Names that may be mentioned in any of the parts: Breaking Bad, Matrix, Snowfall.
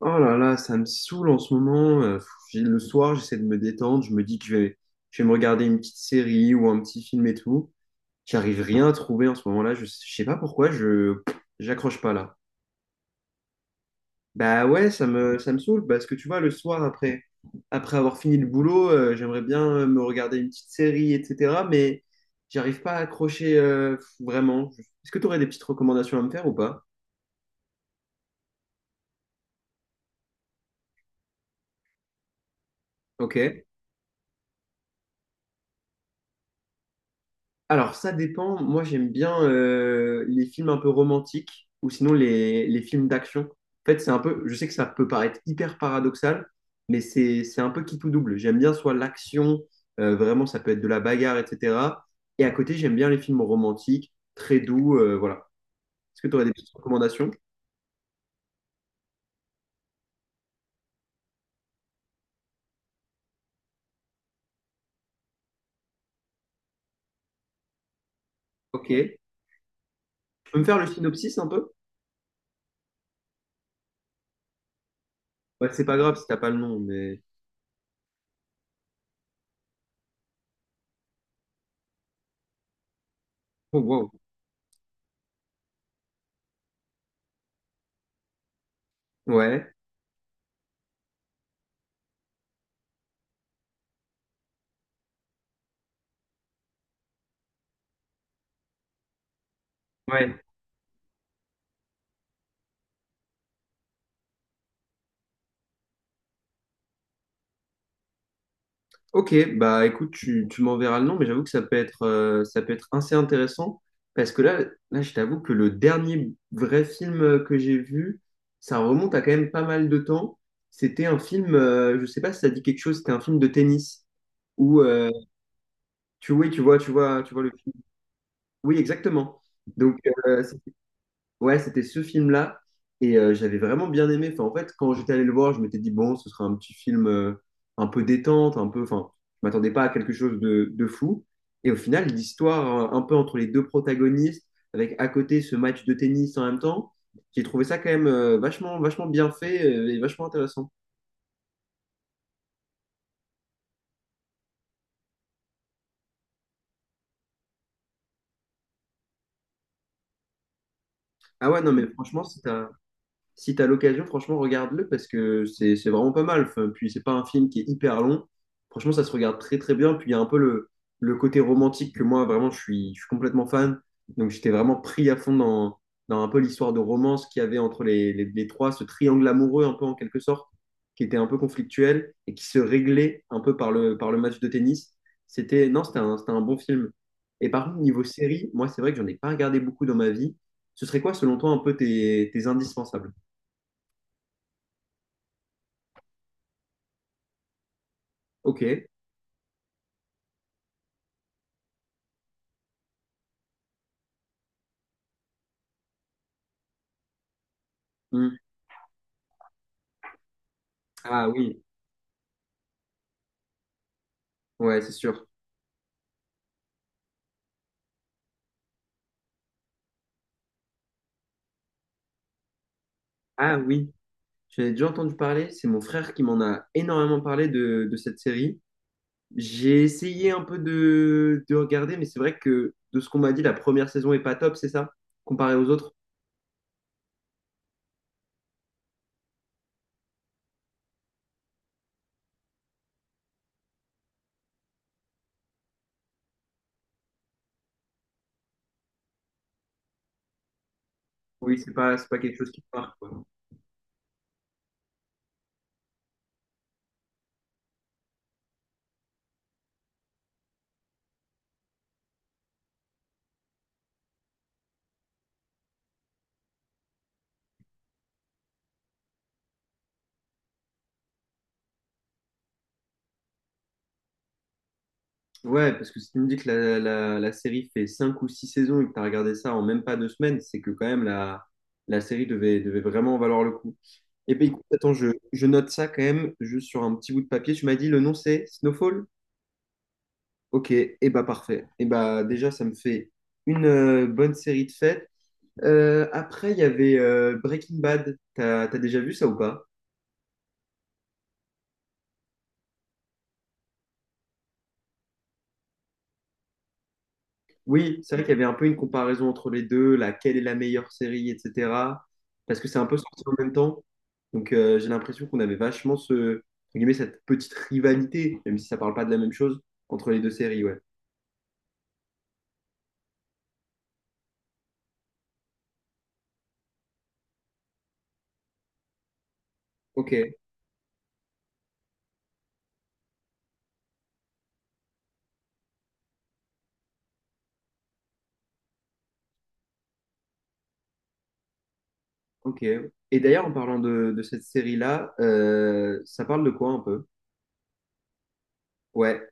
Oh là là, ça me saoule en ce moment. Le soir, j'essaie de me détendre. Je me dis que je vais me regarder une petite série ou un petit film et tout. J'arrive rien à trouver en ce moment-là. Je sais pas pourquoi, je j'accroche pas là. Bah ouais, ça me saoule parce que tu vois, le soir, après avoir fini le boulot, j'aimerais bien me regarder une petite série, etc. Mais j'arrive pas à accrocher vraiment. Est-ce que tu aurais des petites recommandations à me faire ou pas? Ok. Alors, ça dépend. Moi, j'aime bien les films un peu romantiques ou sinon les films d'action. En fait, c'est un peu, je sais que ça peut paraître hyper paradoxal, mais c'est un peu qui tout double. J'aime bien soit l'action, vraiment, ça peut être de la bagarre, etc. Et à côté, j'aime bien les films romantiques, très doux, voilà. Est-ce que tu aurais des petites recommandations? Ok. Tu peux me faire le synopsis un peu? Ouais, c'est pas grave si t'as pas le nom, mais. Oh, wow. Ouais. Ouais. Ok, bah écoute, tu m'enverras le nom, mais j'avoue que ça peut être assez intéressant parce que là, je t'avoue que le dernier vrai film que j'ai vu, ça remonte à quand même pas mal de temps. C'était un film, je sais pas si ça dit quelque chose, c'était un film de tennis où oui, tu vois le film. Oui, exactement. Donc, euh, ouais, c'était ce film-là. Et j'avais vraiment bien aimé. Enfin, en fait, quand j'étais allé le voir, je m'étais dit, bon, ce sera un petit film un peu détente, un peu. Enfin, je m'attendais pas à quelque chose de fou. Et au final, l'histoire un peu entre les deux protagonistes, avec à côté ce match de tennis en même temps, j'ai trouvé ça quand même vachement, vachement bien fait et vachement intéressant. Ah ouais, non, mais franchement, si tu as l'occasion, franchement, regarde-le parce que c'est vraiment pas mal. Enfin, puis, c'est pas un film qui est hyper long. Franchement, ça se regarde très, très bien. Puis, il y a un peu le côté romantique que moi, vraiment, je suis complètement fan. Donc, j'étais vraiment pris à fond dans un peu l'histoire de romance qu'il y avait entre les, trois, ce triangle amoureux, un peu en quelque sorte, qui était un peu conflictuel et qui se réglait un peu par le match de tennis. C'était, non, c'était un bon film. Et par contre, niveau série, moi, c'est vrai que j'en ai pas regardé beaucoup dans ma vie. Ce serait quoi, selon toi, un peu tes, tes indispensables? Ok. Hmm. Ah oui, ouais, c'est sûr. Ah oui, j'en ai déjà entendu parler. C'est mon frère qui m'en a énormément parlé de cette série. J'ai essayé un peu de regarder, mais c'est vrai que de ce qu'on m'a dit, la première saison est pas top, c'est ça? Comparé aux autres? Oui, c'est pas quelque chose qui te marque, quoi. Ouais, parce que si tu me dis que la série fait 5 ou 6 saisons et que tu as regardé ça en même pas 2 semaines, c'est que quand même la série devait vraiment valoir le coup. Eh bien, écoute, attends, je note ça quand même, juste sur un petit bout de papier. Tu m'as dit le nom c'est Snowfall? Ok, et eh bah parfait. Et bah déjà, ça me fait une bonne série de fêtes. Après, il y avait Breaking Bad. T'as déjà vu ça ou pas? Oui, c'est vrai qu'il y avait un peu une comparaison entre les deux, laquelle est la meilleure série, etc. Parce que c'est un peu sorti en même temps. Donc j'ai l'impression qu'on avait vachement entre guillemets, cette petite rivalité, même si ça parle pas de la même chose, entre les deux séries, ouais. Ok. Ok. Et d'ailleurs, en parlant de cette série-là, ça parle de quoi un peu? Ouais,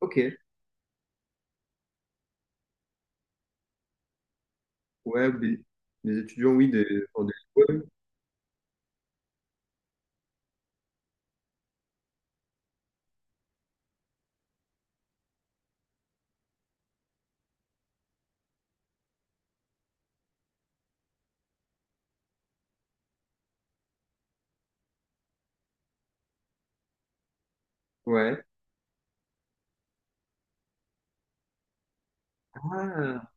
ok. Ouais, des étudiants, oui, ouais. Ouais. Ah,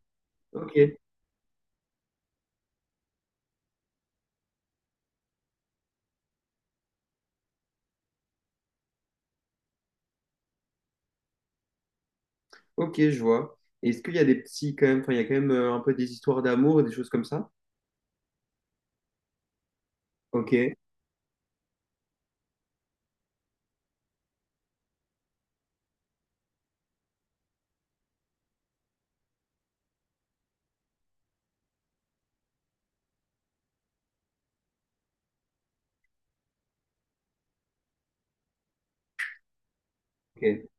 ok, ok, je vois. Est-ce qu'il y a des petits, quand même, enfin, il y a quand même un peu des histoires d'amour, et des choses comme ça? Ok, ok.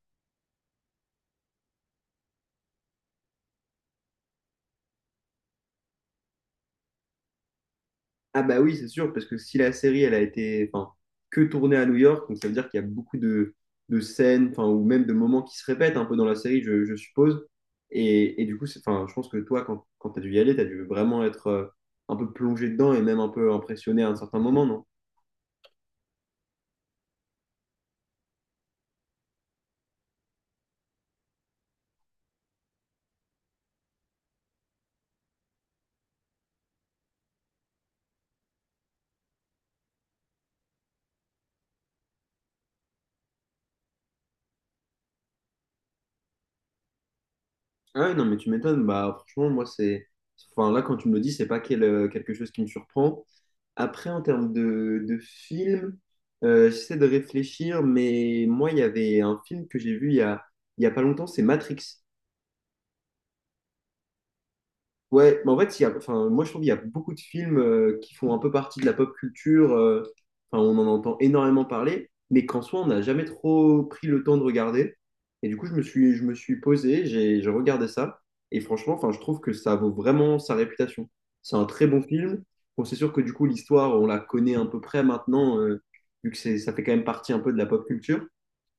Ah bah oui, c'est sûr, parce que si la série, elle a été enfin, que tournée à New York, donc ça veut dire qu'il y a beaucoup de scènes, enfin, ou même de moments qui se répètent un peu dans la série, je suppose. Et du coup, enfin, je pense que toi, quand, quand tu as dû y aller, tu as dû vraiment être un peu plongé dedans et même un peu impressionné à un certain moment, non? Ah ouais, non, mais tu m'étonnes. Bah, franchement, moi, c'est. Enfin, là, quand tu me le dis, c'est pas quelque chose qui me surprend. Après, en termes de film, j'essaie de réfléchir, mais moi, il y avait un film que j'ai vu il y a pas longtemps, c'est Matrix. Ouais, mais en fait, il y a, enfin, moi je trouve qu'il y a beaucoup de films qui font un peu partie de la pop culture, enfin, on en entend énormément parler, mais qu'en soi, on n'a jamais trop pris le temps de regarder. Et du coup, je me suis posé, j'ai regardé ça, et franchement, enfin, je trouve que ça vaut vraiment sa réputation. C'est un très bon film. Bon, c'est sûr que du coup, l'histoire, on la connaît à peu près maintenant, vu que ça fait quand même partie un peu de la pop culture,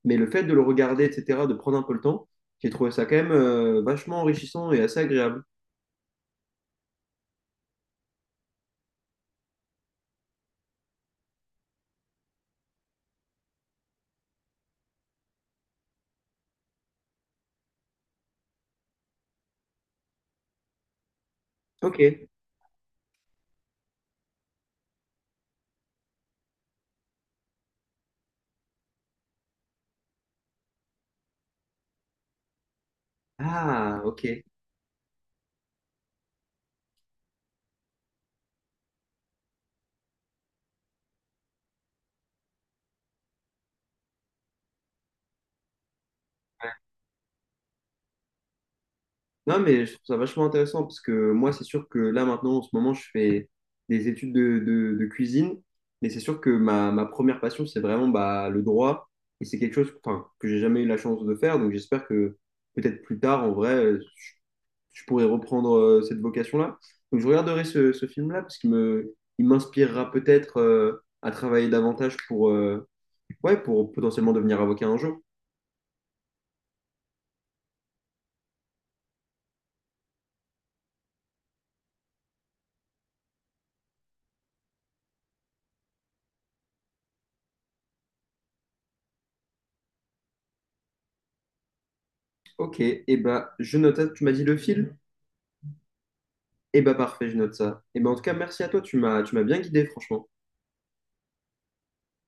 mais le fait de le regarder, etc., de prendre un peu le temps, j'ai trouvé ça quand même vachement enrichissant et assez agréable. Ok. Ah, ok. Non, mais je trouve ça vachement intéressant parce que moi, c'est sûr que là, maintenant, en ce moment, je fais des études de cuisine, mais c'est sûr que ma première passion, c'est vraiment bah, le droit et c'est quelque chose enfin, que j'ai jamais eu la chance de faire. Donc, j'espère que peut-être plus tard, en vrai, je pourrais reprendre cette vocation-là. Donc, je regarderai ce film-là parce qu'il m'inspirera peut-être à travailler davantage pour, ouais, pour potentiellement devenir avocat un jour. Ok, et bah, je note, tu m'as dit le film? Eh ben parfait, je note ça. Eh ben en tout cas, merci à toi, tu m'as bien guidé, franchement.